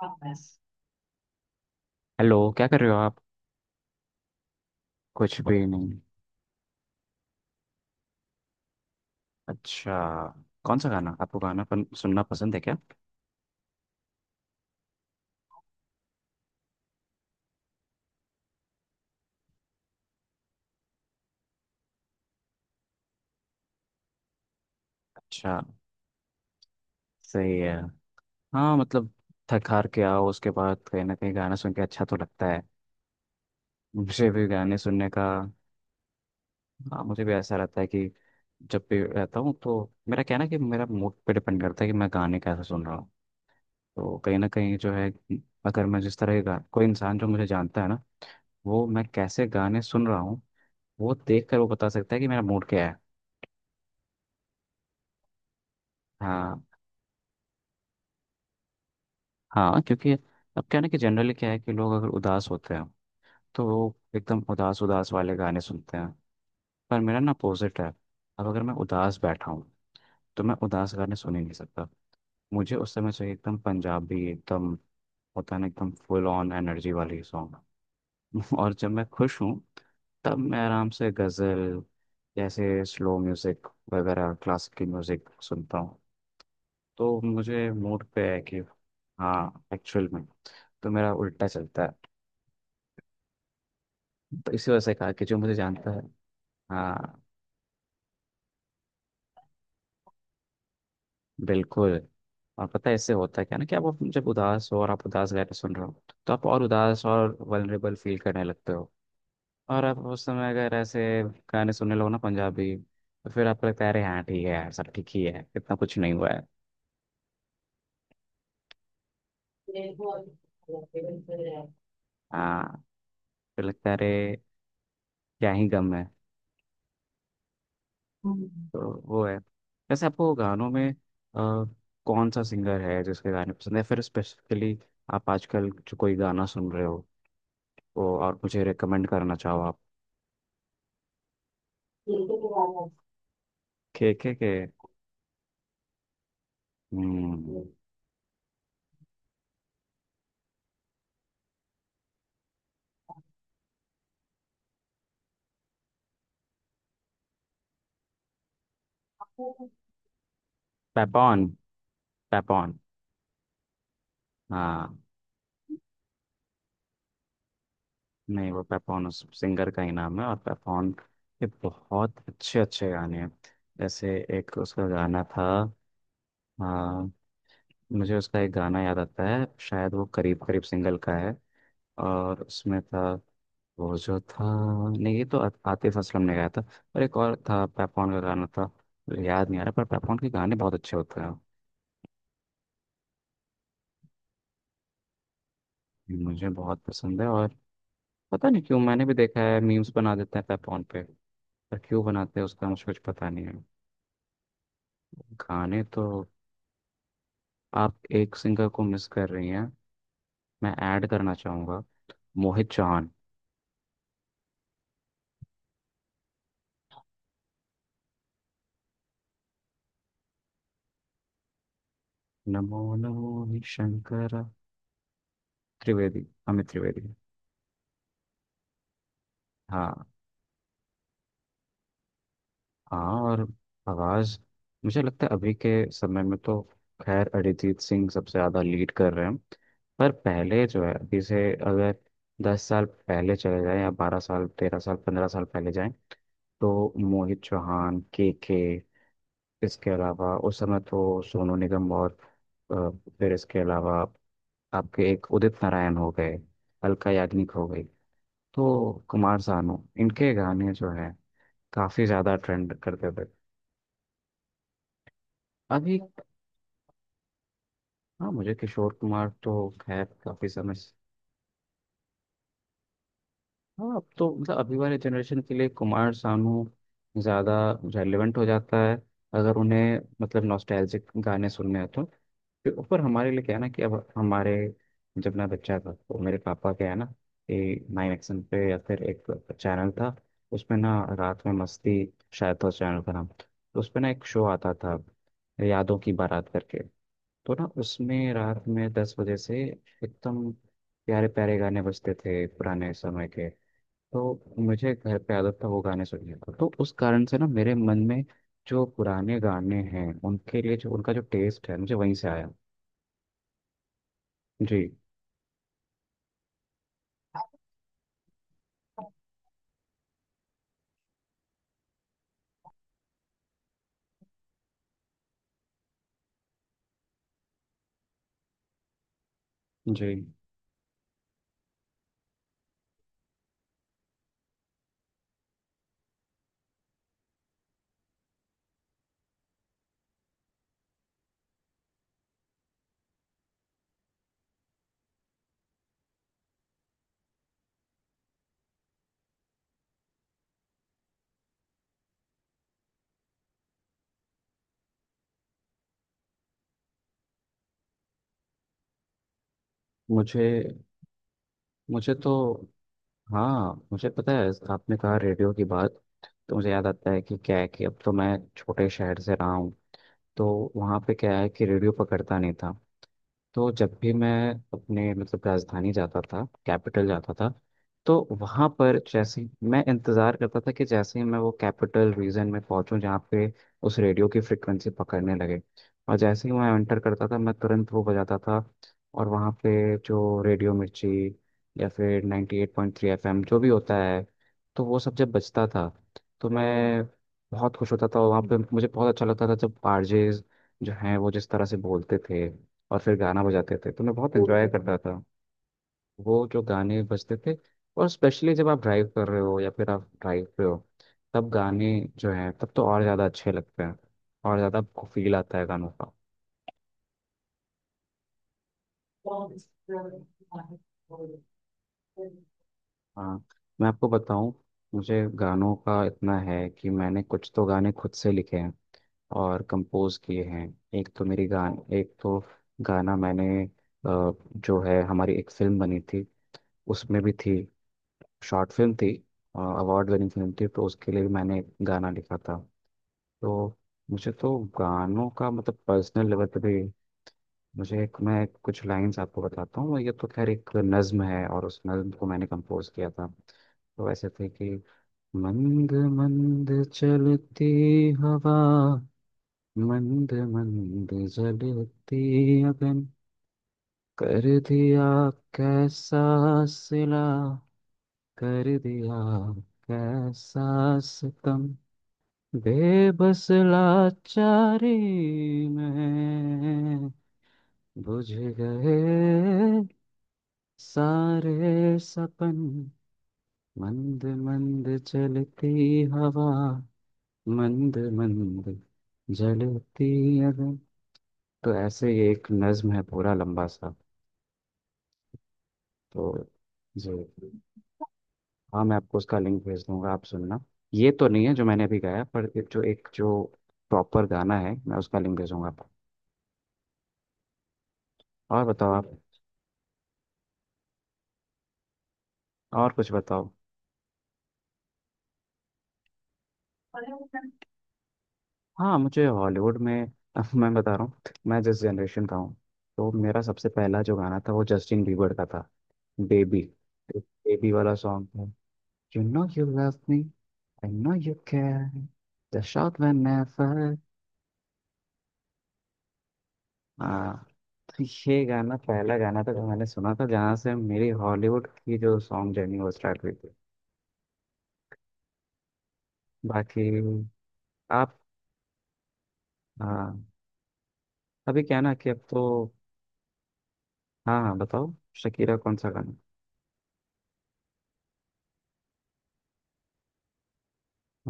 बस। हेलो। आप? कुछ भी नहीं। अच्छा, कौन सा? सही है। हाँ, मतलब थक हार के आओ उसके बाद कहीं ना कहीं गाना सुन के अच्छा तो लगता है। मुझे भी गाने सुनने का। हाँ, मुझे भी ऐसा रहता है कि जब भी रहता हूँ तो मेरा कहना है कि मेरा मूड पे डिपेंड करता है कि मैं गाने कैसे सुन रहा हूँ। तो कहीं ना कहीं जो है, अगर कोई इंसान जो मुझे जानता है ना, वो मैं कैसे गाने सुन रहा हूँ वो देख कर वो बता सकता है कि मेरा मूड क्या है। हाँ। हाँ, क्योंकि अब क्या है ना, कि जनरली क्या है कि लोग अगर उदास होते हैं तो वो एकदम उदास उदास वाले गाने सुनते हैं। पर मेरा ना अपोजिट है। अब अगर मैं उदास बैठा हूँ तो मैं उदास गाने सुन ही नहीं सकता। मुझे उस समय चाहिए एकदम पंजाबी, एकदम होता है ना एकदम फुल ऑन एनर्जी वाली सॉन्ग। और जब मैं खुश हूँ तब मैं आराम से गज़ल, जैसे स्लो म्यूज़िक वगैरह, क्लासिकल म्यूज़िक सुनता हूँ। तो मुझे मूड पे है कि। हाँ, एक्चुअल में तो मेरा उल्टा चलता है। तो इसी वजह से कहा कि जो मुझे जानता है। हाँ। बिल्कुल। और पता है इससे होता है क्या ना कि आप जब उदास हो और आप उदास गाने सुन रहे हो तो आप और उदास और वल्नरेबल फील करने लगते हो। और आप उस समय अगर ऐसे गाने सुनने लगो ना पंजाबी, तो फिर आपको लगता है अरे हाँ ठीक है यार, सब ठीक ही है, इतना कुछ नहीं हुआ है। हाँ, फिर लगता है अरे क्या ही गम है। तो वो है। वैसे आपको गानों में अ, कौन सा सिंगर है जिसके गाने पसंद है फिर स्पेसिफिकली? आप आजकल जो कोई गाना सुन रहे हो को और मुझे रेकमेंड करना चाहो आप? के के। हम्म। पेपॉन। पेपॉन। हाँ। नहीं, वो पेपॉन उस सिंगर का ही नाम है। और पेपॉन के बहुत अच्छे अच्छे गाने हैं। जैसे एक उसका गाना था। हाँ, मुझे उसका एक गाना याद आता है, शायद वो करीब करीब सिंगल का है, और उसमें था, वो जो था, नहीं ये तो आतिफ असलम ने गाया था। और एक और था पेपॉन का गाना था, मुझे याद नहीं आ रहा। पर पेपॉन के गाने बहुत अच्छे होते हैं, मुझे बहुत पसंद है। और पता नहीं क्यों, मैंने भी देखा है मीम्स बना देते हैं पैपॉन पे, पर क्यों बनाते हैं उसका मुझे कुछ पता नहीं है। गाने तो। आप एक सिंगर को मिस कर रही हैं, मैं ऐड करना चाहूंगा, मोहित चौहान। नमो नमो ही शंकर। त्रिवेदी, अमित त्रिवेदी। हाँ। हाँ। और आवाज, मुझे लगता है अभी के समय में तो खैर अरिजीत सिंह सबसे ज्यादा लीड कर रहे हैं। पर पहले जो है, अभी से अगर 10 साल पहले चले जाएं, या 12 साल, 13 साल, 15 साल पहले जाएं, तो मोहित चौहान, के, इसके अलावा उस समय तो सोनू निगम और अ, फिर इसके अलावा आपके एक उदित नारायण हो गए, अलका याग्निक हो गई, तो कुमार सानू, इनके गाने जो है काफी ज्यादा ट्रेंड करते थे। अभी। हाँ, मुझे किशोर कुमार तो खैर काफी समय से। हाँ, अब तो मतलब अभी वाले जनरेशन के लिए कुमार सानू ज़्यादा रेलेवेंट हो जाता है, अगर उन्हें मतलब नॉस्टैल्जिक गाने सुनने हैं तो। फिर ऊपर हमारे लिए क्या है ना, कि अब हमारे, जब मैं बच्चा था तो मेरे पापा, क्या है ना कि नाइन एक्शन पे, या फिर एक चैनल था, उसमें ना रात में मस्ती शायद था उस चैनल का नाम। तो उसमें ना एक शो आता था, यादों की बारात करके। तो ना उसमें रात में 10 बजे से एकदम प्यारे प्यारे गाने बजते थे पुराने समय के। तो मुझे घर पे आदत था वो गाने सुनने का, तो उस कारण से ना मेरे मन में जो पुराने गाने हैं उनके लिए, जो उनका जो टेस्ट है, मुझे वहीं से आया। जी। जी। मुझे मुझे तो। हाँ, मुझे पता है आपने कहा रेडियो की बात, तो मुझे याद आता है कि क्या है कि अब तो मैं छोटे शहर से रहा हूँ, तो वहाँ पे क्या है कि रेडियो पकड़ता नहीं था। तो जब भी मैं अपने मतलब राजधानी जाता था, कैपिटल जाता था, तो वहाँ पर मैं इंतज़ार करता था कि जैसे ही मैं वो कैपिटल रीजन में पहुँचूँ जहाँ पे उस रेडियो की फ्रिक्वेंसी पकड़ने लगे, और जैसे ही मैं एंटर करता था मैं तुरंत वो बजाता था। और वहाँ पे जो रेडियो मिर्ची या फिर 98.3 एफएम जो भी होता है, तो वो सब जब बजता था तो मैं बहुत खुश होता था। और वहाँ पे मुझे बहुत अच्छा लगता था जब आरजेज जो हैं वो जिस तरह से बोलते थे और फिर गाना बजाते थे, तो मैं बहुत वो एंजॉय तो है। करता था। वो जो गाने बजते थे, और स्पेशली जब आप ड्राइव कर रहे हो या फिर आप ड्राइव पे हो, तब गाने जो हैं तब तो और ज़्यादा अच्छे लगते हैं। और ज़्यादा आपको फील आता है गानों का। हाँ, मैं आपको बताऊं, मुझे गानों का इतना है कि मैंने कुछ तो गाने खुद से लिखे हैं और कंपोज किए हैं। एक तो मेरी गान, एक तो गाना मैंने जो है हमारी एक फिल्म बनी थी उसमें भी थी, शॉर्ट फिल्म थी, अवार्ड विनिंग फिल्म थी, तो उसके लिए भी मैंने एक गाना लिखा था। तो मुझे तो गानों का मतलब पर्सनल लेवल पे भी। मुझे एक, मैं कुछ लाइंस आपको बताता हूँ, ये तो खैर एक नज्म है और उस नज्म को मैंने कंपोज किया था। तो ऐसे थे कि, मंद मंद चलती हवा, मंद मंद जलती अगन, कर दिया कैसा सिला, कर दिया कैसा सितम, बेबस लाचारी में बुझ गए सारे सपन, मंद मंद चलती हवा, मंद मंद जलती अगन। तो ऐसे ही एक नज्म है पूरा लंबा सा। तो जी। हाँ, मैं आपको उसका लिंक भेज दूंगा, आप सुनना। ये तो नहीं है जो मैंने अभी गाया, पर ये जो एक जो प्रॉपर गाना है, मैं उसका लिंक भेजूंगा आपको। और बताओ आप, और कुछ बताओ। हाँ, मुझे हॉलीवुड में, मैं बता रहा हूँ, मैं जिस जनरेशन का हूँ, तो मेरा सबसे पहला जो गाना था वो जस्टिन बीबर का था, बेबी। तो बेबी वाला सॉन्ग था, you know you love me, I know you care, the shout whenever. तो ये गाना, पहला गाना तो मैंने सुना था, जहाँ से मेरी हॉलीवुड की जो सॉन्ग जर्नी वो स्टार्ट हुई थी। बाकी। आप? हाँ। अभी क्या ना कि अब तो। हाँ, हाँ, बताओ, शकीरा कौन सा गाना?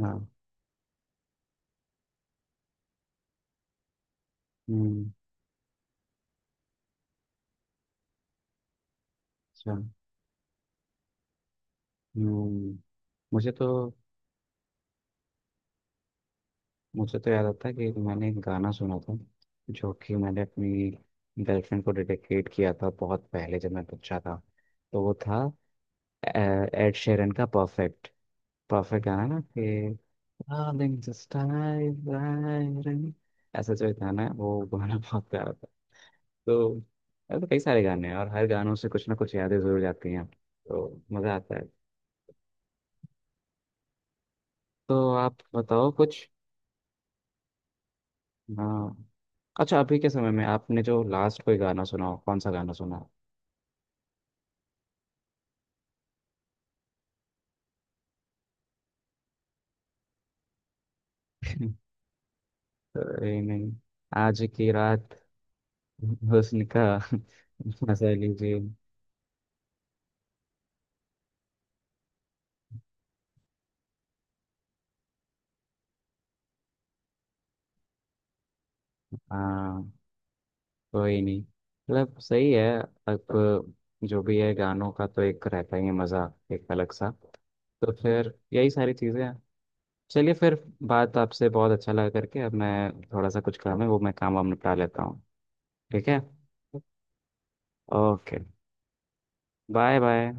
हाँ। हम्म। अच्छा। हम्म। मुझे तो मुझे तो याद आता है कि मैंने एक गाना सुना था, जो कि मैंने अपनी गर्लफ्रेंड को डेडिकेट किया था बहुत पहले जब मैं बच्चा था। तो वो था अ, एड शेरन का परफेक्ट, परफेक्ट गाना ना कि हाँ दिन जस्ट, ऐसा जो गाना है, वो गाना बहुत प्यारा था। तो ऐसे कई सारे गाने हैं, और हर गानों से कुछ ना कुछ यादें जरूर जाती हैं, तो मज़ा आता है। तो आप बताओ कुछ। हाँ। अच्छा, अभी के समय में आपने जो लास्ट कोई गाना सुना हो, कौन सा गाना सुना हो? तो ये नहीं, आज की रात हुस्न का मजा लीजिए। हाँ, कोई नहीं, मतलब सही है। अब जो भी है गानों का तो एक रहता ही है मज़ा, एक अलग सा। तो फिर यही सारी चीज़ें हैं। चलिए फिर, बात आपसे बहुत अच्छा लगा करके, अब मैं थोड़ा सा कुछ काम है वो मैं काम वाम निपटा लेता हूँ। ठीक है। ओके। Bye bye.